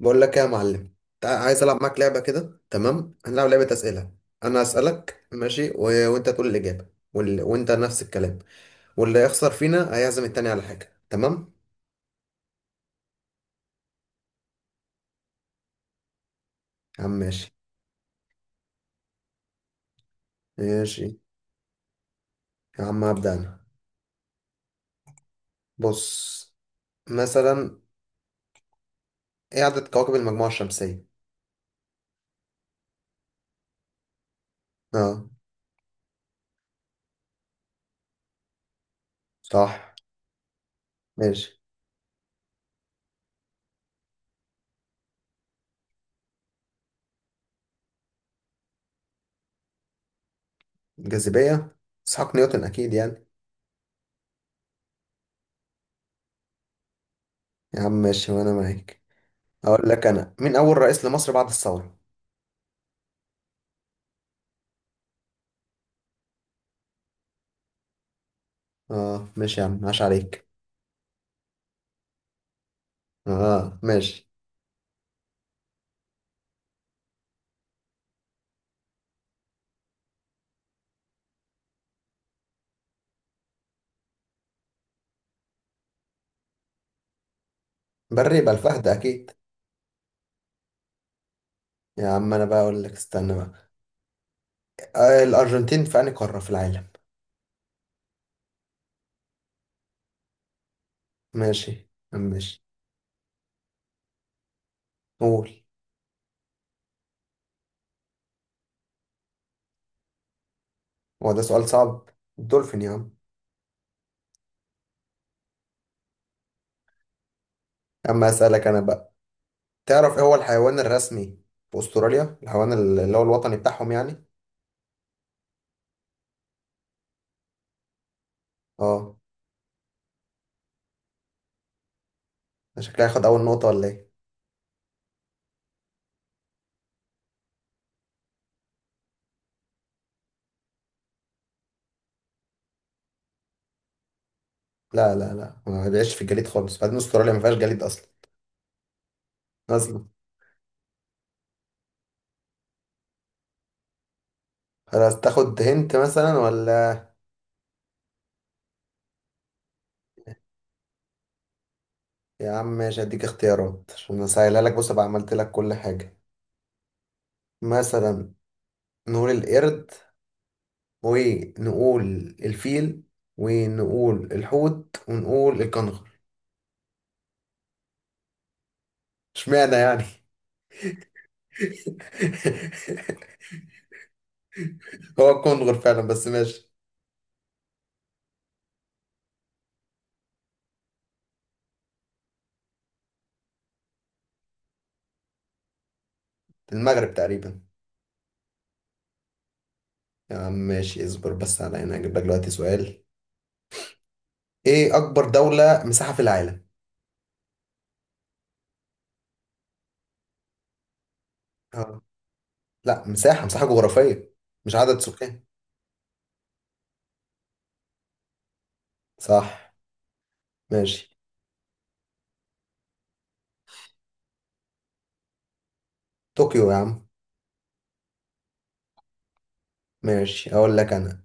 بقول لك ايه يا معلم. عايز العب معاك لعبه كده. تمام، هنلعب لعبه اسئله. انا اسالك ماشي وانت تقول الاجابه، وانت نفس الكلام، واللي يخسر فينا هيعزم التاني على حاجه. تمام يا عم؟ ماشي. ماشي يا عم، هبدا انا. بص، مثلا، ايه عدد كواكب المجموعه الشمسيه؟ اه صح ماشي. جاذبيه، اسحاق نيوتن اكيد يعني. يا عم ماشي وانا معاك. اقول لك انا، مين اول رئيس لمصر بعد الثوره؟ اه ماشي يا عم، عاش عليك. اه ماشي. بري يبقى الفهد اكيد. يا عم انا بقى اقول لك، استنى بقى. الارجنتين في انهي قاره في العالم؟ ماشي ماشي. قول. هو ده سؤال صعب؟ الدولفين يا عم. اما اسالك انا بقى، تعرف ايه هو الحيوان الرسمي في استراليا، الحيوان اللي هو الوطني بتاعهم يعني؟ اه. ده شكلها هياخد اول نقطه ولا ايه؟ لا لا لا، ما بيعيش في الجليد خالص، بعدين استراليا ما فيهاش جليد اصلا. اصلا. خلاص تاخد هنت مثلا ولا؟ يا عم ماشي، هديك اختيارات عشان اسهلها لك. بص بقى، عملت لك كل حاجه. مثلا نقول القرد، ونقول الفيل، ونقول الحوت، ونقول الكنغر. اشمعنى يعني؟ هو الكنغر فعلا بس ماشي. في المغرب تقريبا. يا عم ماشي، اصبر بس على هنا اجيب لك دلوقتي سؤال. ايه اكبر دولة مساحة في العالم؟ اه. لا مساحة، مساحة جغرافية، مش عدد سكان. صح ماشي. طوكيو يا عم. ماشي، اقول لك انا.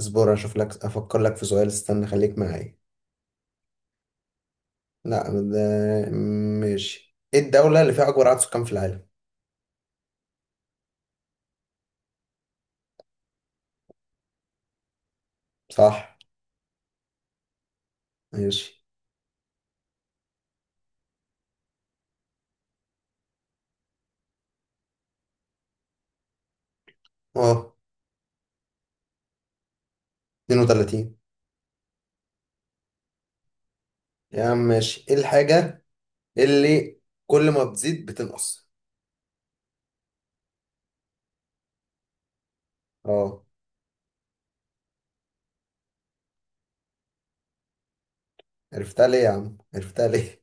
اصبر اشوف لك، افكر لك في سؤال، استنى خليك معايا. لا ده، ماشي. ايه الدولة اللي فيها اكبر عدد سكان في العالم؟ صح ماشي. اه، 32. يا عم ماشي. ايه الحاجة اللي كل ما بتزيد بتنقص؟ اه. عرفتها ليه يا عم، عرفتها ليه؟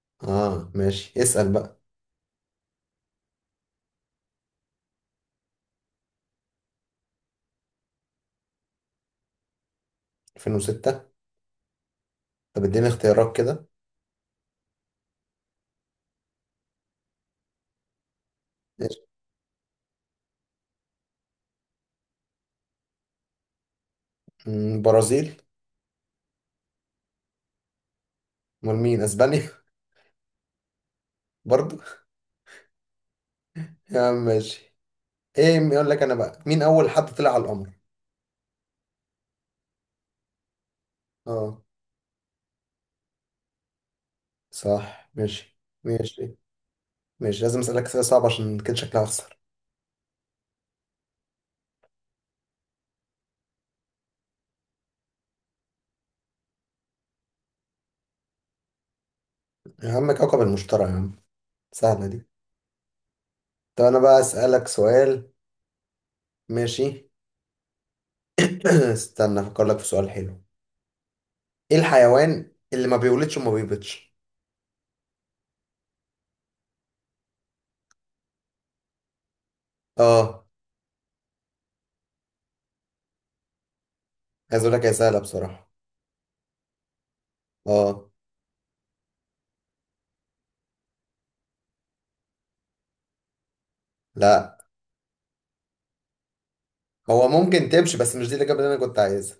اه ماشي، اسأل بقى. 2006. طب اديني اختيارات كده. ماشي. برازيل. امال مين، اسبانيا؟ برضو. يا عم ماشي. ايه، يقول لك انا بقى، مين اول حد طلع على القمر؟ اه صح ماشي. ماشي. ماشي لازم اسألك اسئلة صعبة، عشان كده شكلها اخسر. يا عم كوكب المشتري يا عم، سهلة دي. طب انا بقى اسألك سؤال. ماشي. استنى افكر لك في سؤال حلو. ايه الحيوان اللي ما بيولدش وما بيبيضش؟ اه. عايز اقول لك، هي سهله بصراحه. اه. لا، هو ممكن تمشي، بس مش دي الاجابه اللي انا كنت عايزها.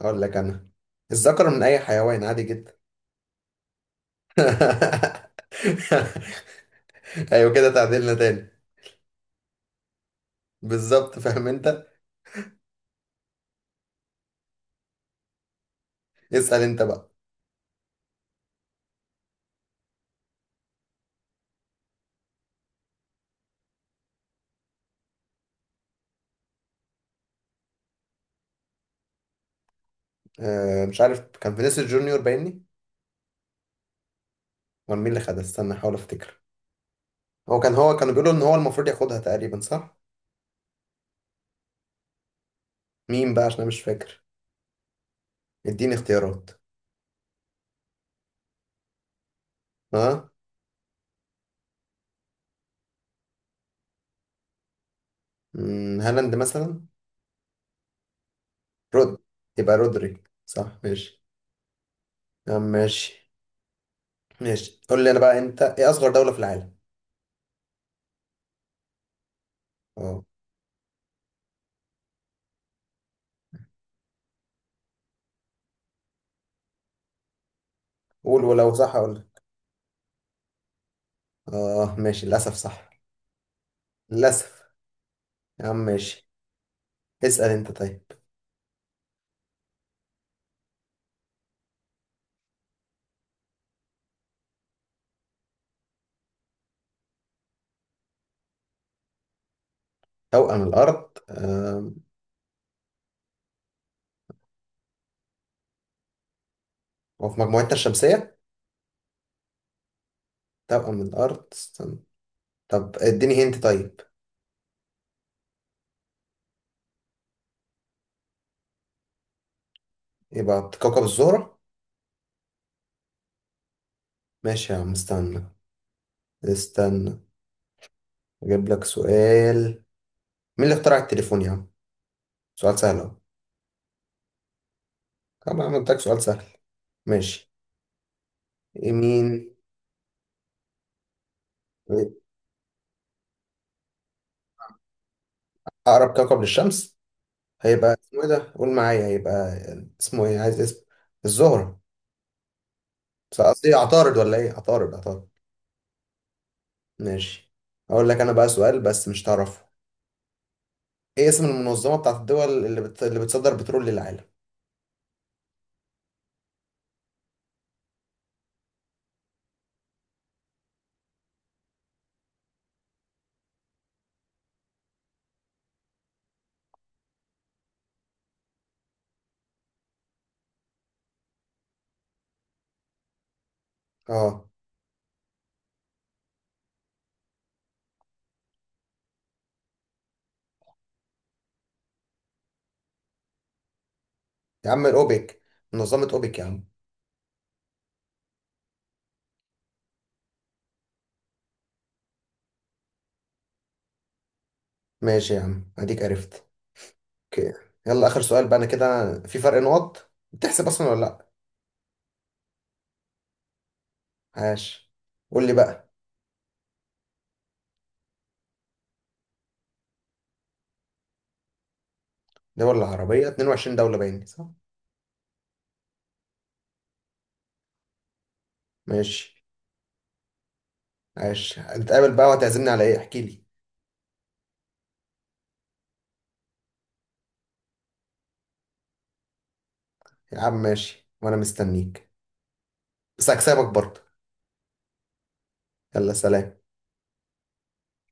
اقول لك انا، الذكر من اي حيوان عادي جدا. ايوه كده، تعديلنا تاني. بالظبط، فاهم انت. اسال انت بقى. مش عارف، كان فينيسيوس جونيور باينني، ولا مين اللي خدها؟ استنى احاول افتكر. هو كانوا بيقولوا ان هو المفروض ياخدها تقريبا، صح؟ مين بقى، عشان انا مش فاكر. اديني اختيارات. اه. هالاند مثلا. رود يبقى رودري. صح ماشي. يا عم ماشي. ماشي، قول لي انا بقى انت، ايه اصغر دولة في العالم؟ اه. قول، ولو صح اقول لك. اه ماشي، للاسف صح. للاسف. يا عم ماشي. اسأل انت طيب. توأم الارض هو في مجموعتنا الشمسية؟ توأم الارض، استنى. طب اديني هنت طيب. يبقى كوكب الزهرة. ماشي يا عم، استنى استنى، اجيب لك سؤال. مين اللي اخترع التليفون يا عم؟ سؤال سهل اهو. طب أنا عملتك سؤال سهل. ماشي. مين؟ أقرب كوكب للشمس، هيبقى اسمه إيه ده؟ قول معايا، هيبقى اسمه إيه؟ عايز اسم. الزهرة. بس قصدي، عطارد ولا إيه؟ عطارد، عطارد. ماشي. أقول لك أنا بقى سؤال بس مش تعرفه. إيه اسم المنظمة بتاعت الدول اللي بتصدر بترول للعالم؟ أه. يا عم الأوبك، منظمة أوبك يا عم. ماشي يا عم، أديك عرفت. أوكي. يلا آخر سؤال بقى، أنا كده في فرق نقط، بتحسب أصلا ولا لأ؟ عاش. قول لي بقى. دول العربية 22 دولة، باين صح؟ ماشي. عاش، هنتقابل بقى وهتعزمني على ايه؟ احكي لي. يا عم ماشي، وانا مستنيك. بس هكسبك برضه. يلا سلام.